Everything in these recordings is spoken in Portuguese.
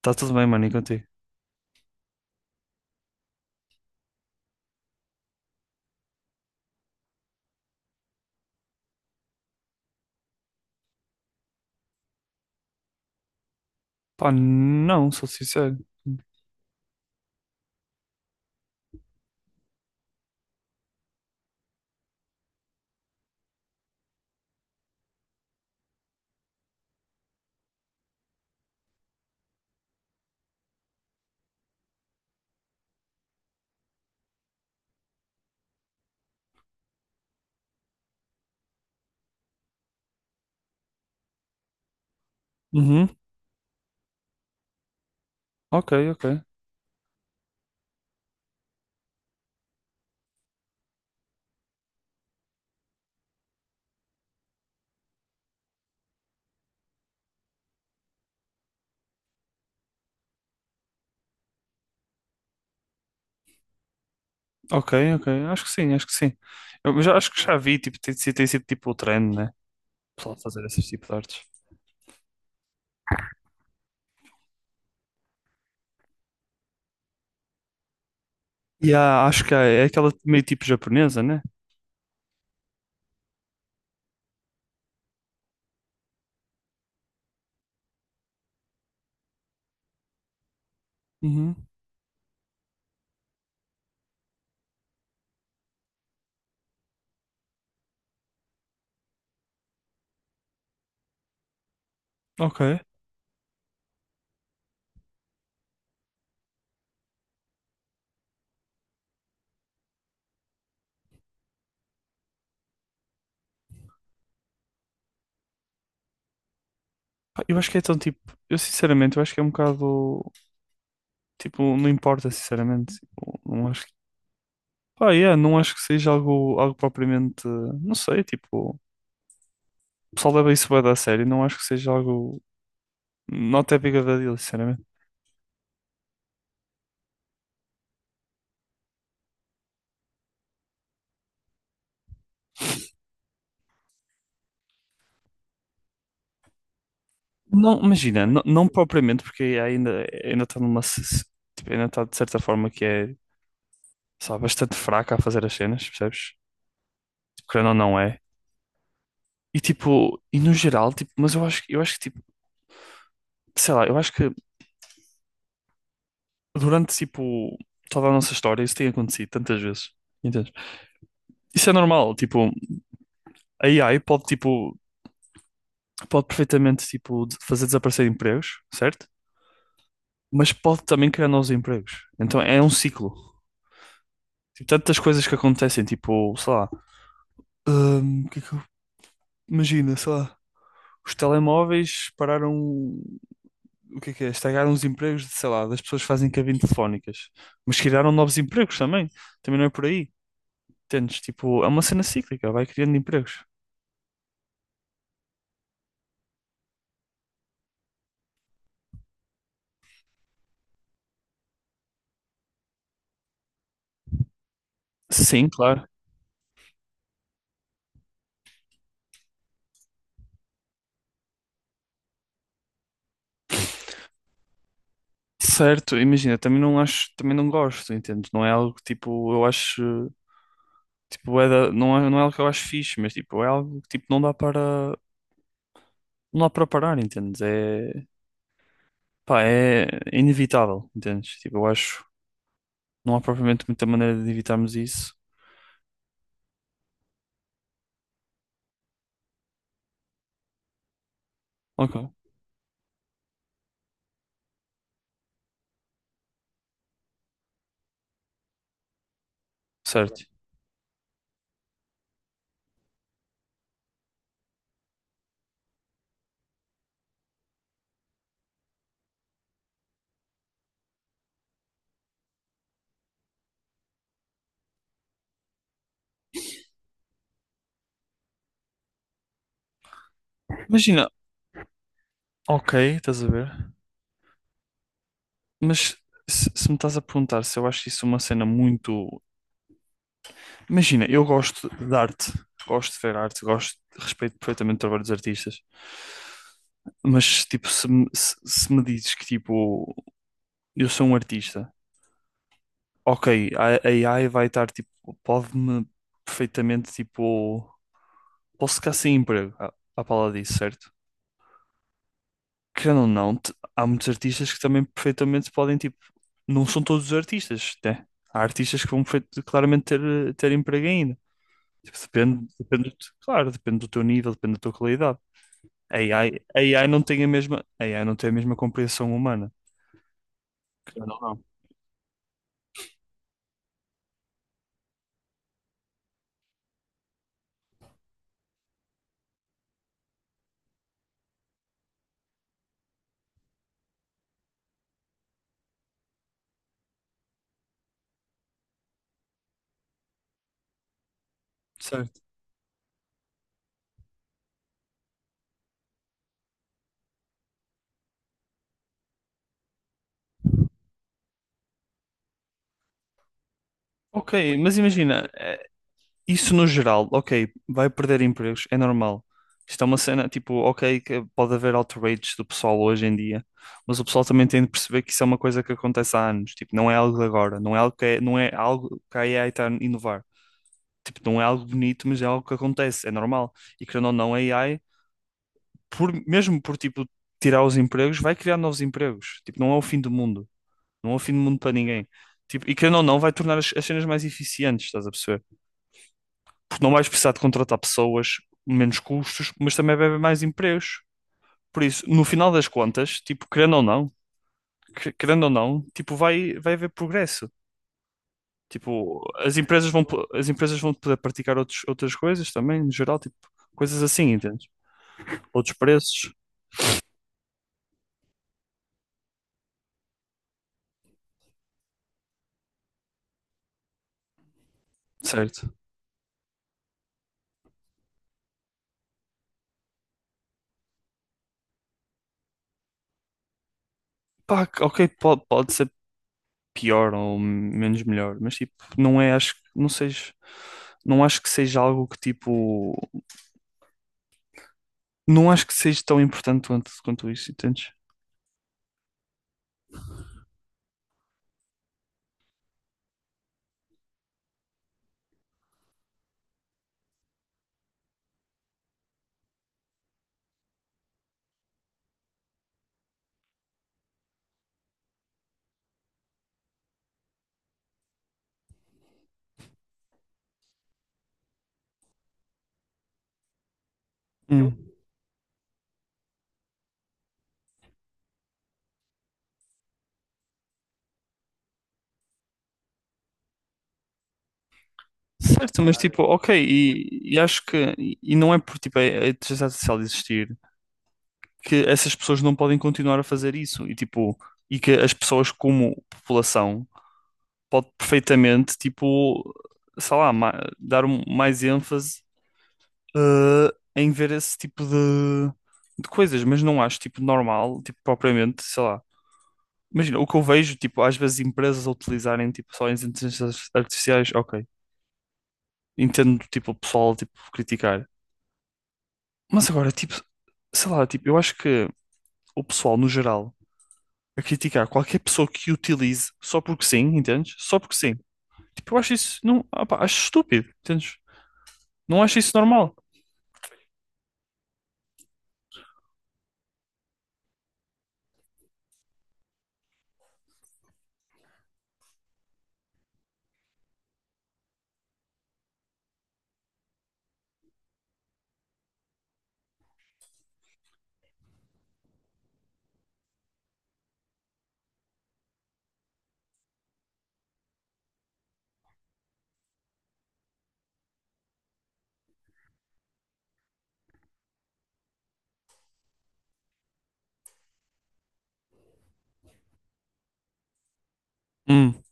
Tá tudo bem, mano, e contigo? Pá, não, sou sincero. Uhum, ok, ok. Ok, ok. Acho que sim, acho que sim. Eu já, acho que já vi, tipo, tem sido tipo o trend, né? O pessoal fazer esses tipos de artes. E há, acho que há, é aquela meio tipo japonesa, né? Uhum, ok. Pá, eu acho que é tão tipo. Eu sinceramente, eu acho que é um bocado. Tipo, não importa, sinceramente. Tipo, não acho que. Pá, yeah, não acho que seja algo, propriamente. Não sei, tipo. O pessoal leva isso bem a sério. Não acho que seja algo. Not that big of a deal, sinceramente. Não, imagina, não, não propriamente, porque ainda está numa. Tipo, ainda está de certa forma que é, sabe, bastante fraca a fazer as cenas, percebes? Tipo, querendo ou não é. E tipo, e no geral, tipo, mas eu acho que, tipo, sei lá, eu acho que durante, tipo, toda a nossa história isso tem acontecido tantas vezes, entendes? Isso é normal, tipo, a AI pode, tipo, pode perfeitamente, tipo, fazer desaparecer empregos, certo? Mas pode também criar novos empregos. Então é um ciclo. Tipo, tantas coisas que acontecem, tipo, sei lá. O que é que eu... Imagina, sei lá, os telemóveis pararam, o que é que é? Estragaram os empregos, de, sei lá, das pessoas que fazem cabine telefónicas, mas criaram novos empregos também, também não é por aí, entendes? Tipo, é uma cena cíclica, vai criando empregos. Sim, claro. Certo, imagina, também não acho, também não gosto, entendes? Não é algo que, tipo, eu acho, tipo, não é algo que eu acho fixe, mas tipo, é algo que tipo, não dá para parar, entendes? É, pá, é inevitável, entendes? Tipo, eu acho. Não há propriamente muita maneira de evitarmos isso. Ok, certo. Imagina, ok, estás a ver? Mas se me estás a perguntar se eu acho isso uma cena muito. Imagina, eu gosto de arte, gosto de ver arte, gosto, respeito perfeitamente o trabalho dos artistas. Mas, tipo, se me dizes que, tipo, eu sou um artista, ok, a AI vai estar, tipo, pode-me perfeitamente, tipo, posso ficar sem emprego à pala disso, certo? Querendo ou não, há muitos artistas que também perfeitamente podem, tipo, não são todos os artistas, né? Há artistas que vão claramente ter, ter emprego ainda. Tipo, depende, claro, depende do teu nível, depende da tua qualidade. A AI não tem a mesma, a AI não tem a mesma compreensão humana. Querendo ou não. Certo. Ok, mas imagina, isso no geral, ok, vai perder empregos, é normal. Isto é uma cena, tipo, ok, que pode haver outrage do pessoal hoje em dia, mas o pessoal também tem de perceber que isso é uma coisa que acontece há anos, tipo, não é algo de agora, não é algo que é, não é algo que a AI está a inovar. Tipo, não é algo bonito, mas é algo que acontece, é normal. E querendo ou não, a AI, por, mesmo por, tipo, tirar os empregos, vai criar novos empregos. Tipo, não é o fim do mundo, não é o fim do mundo para ninguém. Tipo, e querendo ou não, vai tornar as cenas mais eficientes, estás a perceber? Porque não vais precisar de contratar pessoas, menos custos, mas também vai haver mais empregos. Por isso, no final das contas, tipo, querendo ou não, querendo ou não, tipo, vai haver progresso. Tipo, as empresas vão poder praticar outros, outras coisas também, no geral, tipo, coisas assim, entende? Outros preços, certo? Pá, ok, pode ser pior ou menos melhor, mas tipo, não é, acho, não seja, não acho que seja algo que tipo, não acho que seja tão importante quanto isso, entendes? Hum. Certo, mas tipo, ok, e acho que e não é por tipo a inteligência artificial existir que essas pessoas não podem continuar a fazer isso e tipo e que as pessoas como população pode perfeitamente tipo sei lá dar mais ênfase, eh, em ver esse tipo de coisas, mas não acho tipo normal tipo propriamente sei lá. Imagina, o que eu vejo, tipo, às vezes empresas a utilizarem, tipo, só as inteligências artificiais, ok, entendo, tipo, o pessoal, tipo, criticar. Mas agora, tipo, sei lá, tipo, eu acho que o pessoal, no geral, a criticar qualquer pessoa que utilize só porque sim, entendes? Só porque sim. Tipo, eu acho isso, não, opá, acho estúpido, entendes? Não acho isso normal. Hum,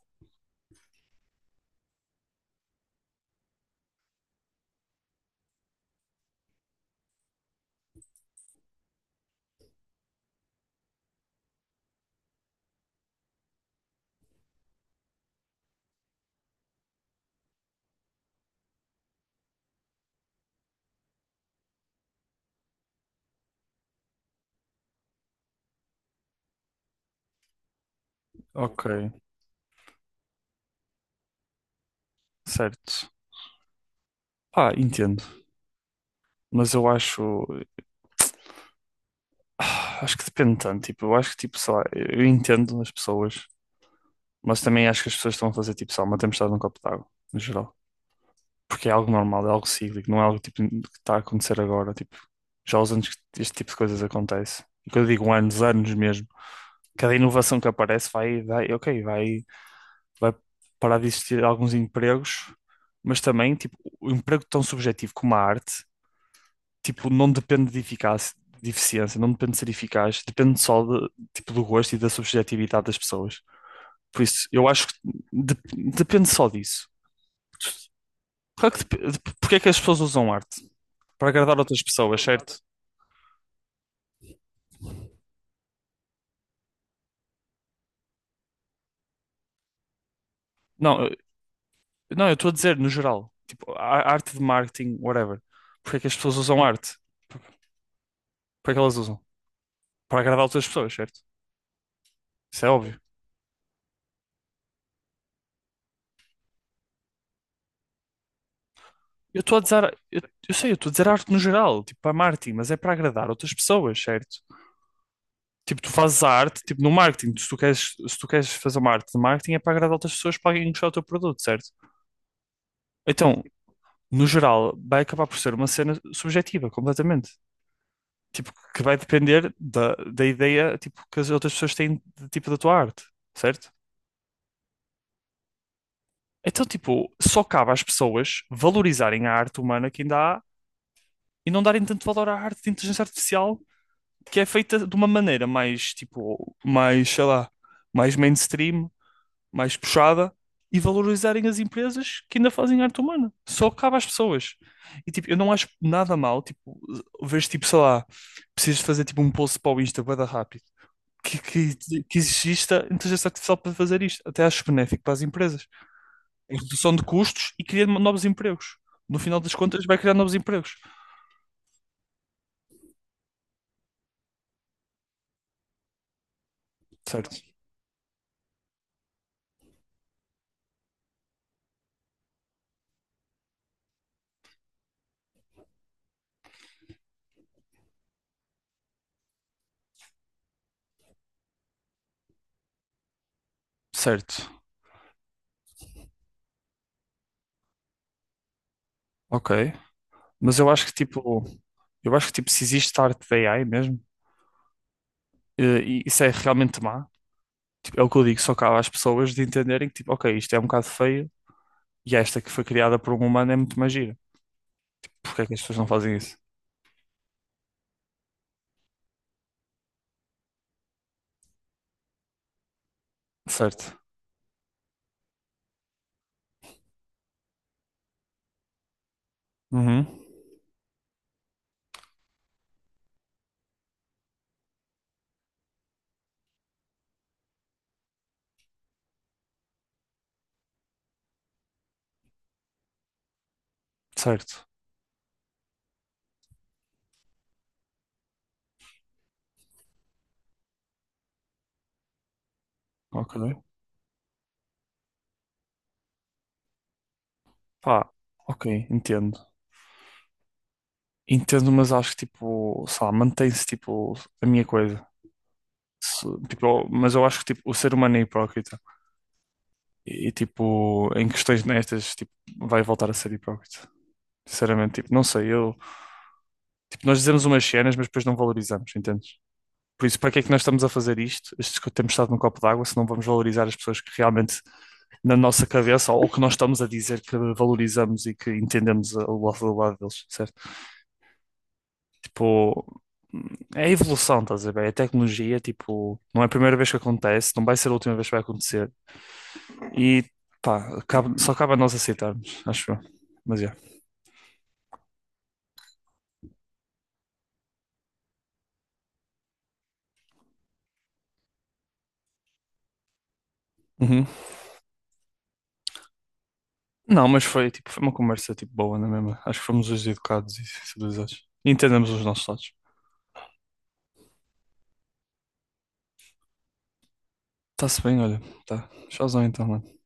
ok, certo. Pá, entendo. Mas eu acho que depende tanto, tipo, eu acho que, tipo, sei lá, eu entendo as pessoas, mas também acho que as pessoas estão a fazer, tipo, sei lá, uma tempestade num copo d'água, no geral. Porque é algo normal, é algo cíclico, não é algo tipo, que está a acontecer agora. Tipo, já há os anos que este tipo de coisas acontece. E quando eu digo anos, anos mesmo, cada inovação que aparece vai parar de existir alguns empregos, mas também, tipo, o emprego tão subjetivo como a arte, tipo, não depende de eficácia, de eficiência, não depende de ser eficaz, depende só de, tipo, do gosto e da subjetividade das pessoas. Por isso, eu acho que de- depende só disso. Claro que porque é que as pessoas usam arte? Para agradar outras pessoas, certo? Não, não, eu estou a dizer no geral, tipo, arte de marketing, whatever. Porque é que as pessoas usam arte? Para que elas usam? Para agradar outras pessoas, certo? Isso é óbvio. Eu estou a dizer, eu sei, eu estou a dizer arte no geral, tipo, para marketing, mas é para agradar outras pessoas, certo? Tipo, tu fazes a arte, tipo, no marketing, se tu queres fazer uma arte de marketing é para agradar outras pessoas para alguém gostar do teu produto, certo? Então, no geral, vai acabar por ser uma cena subjetiva, completamente. Tipo, que vai depender da ideia, tipo, que as outras pessoas têm de, tipo, da tua arte, certo? Então, tipo, só cabe às pessoas valorizarem a arte humana que ainda há e não darem tanto valor à arte de inteligência artificial que é feita de uma maneira mais, tipo, mais, sei lá, mais mainstream, mais puxada e valorizarem as empresas que ainda fazem arte humana. Só cabe às pessoas. E, tipo, eu não acho nada mal, tipo, vês tipo, sei lá, precisas fazer, tipo, um post para o Insta, bué da rápido que, que exista inteligência artificial para fazer isto. Até acho benéfico para as empresas. Em redução de custos e criar novos empregos. No final das contas, vai criar novos empregos. Certo, certo, ok. Mas eu acho que tipo, se existe arte da AI mesmo, e isso é realmente má. Tipo, é o que eu digo, só cabe às pessoas de entenderem que tipo, ok, isto é um bocado feio e esta que foi criada por um humano é muito mais gira. Porque é que as pessoas não fazem isso? Certo. Uhum. Certo. Ok. Pá, ok, entendo. Entendo, mas acho que tipo, sei lá, mantém-se tipo a minha coisa. Tipo, mas eu acho que tipo, o ser humano é hipócrita e, tipo, em questões nestas, tipo, vai voltar a ser hipócrita. Sinceramente, tipo, não sei, eu, tipo, nós dizemos umas cenas, mas depois não valorizamos, entendes? Por isso, para que é que nós estamos a fazer isto? Estes que temos estado num copo d'água, se não vamos valorizar as pessoas que realmente na nossa cabeça ou, que nós estamos a dizer que valorizamos e que entendemos o lado deles, certo? Tipo, é a evolução, estás a ver? É a tecnologia, tipo, não é a primeira vez que acontece, não vai ser a última vez que vai acontecer. E pá, só cabe a nós aceitarmos, acho eu. Mas é. Uhum. Não, mas foi uma conversa tipo boa, não é mesmo? Acho que fomos os educados e civilizados. E entendemos os nossos lados. Está-se bem, olha. Tá. Tchauzão então, mano.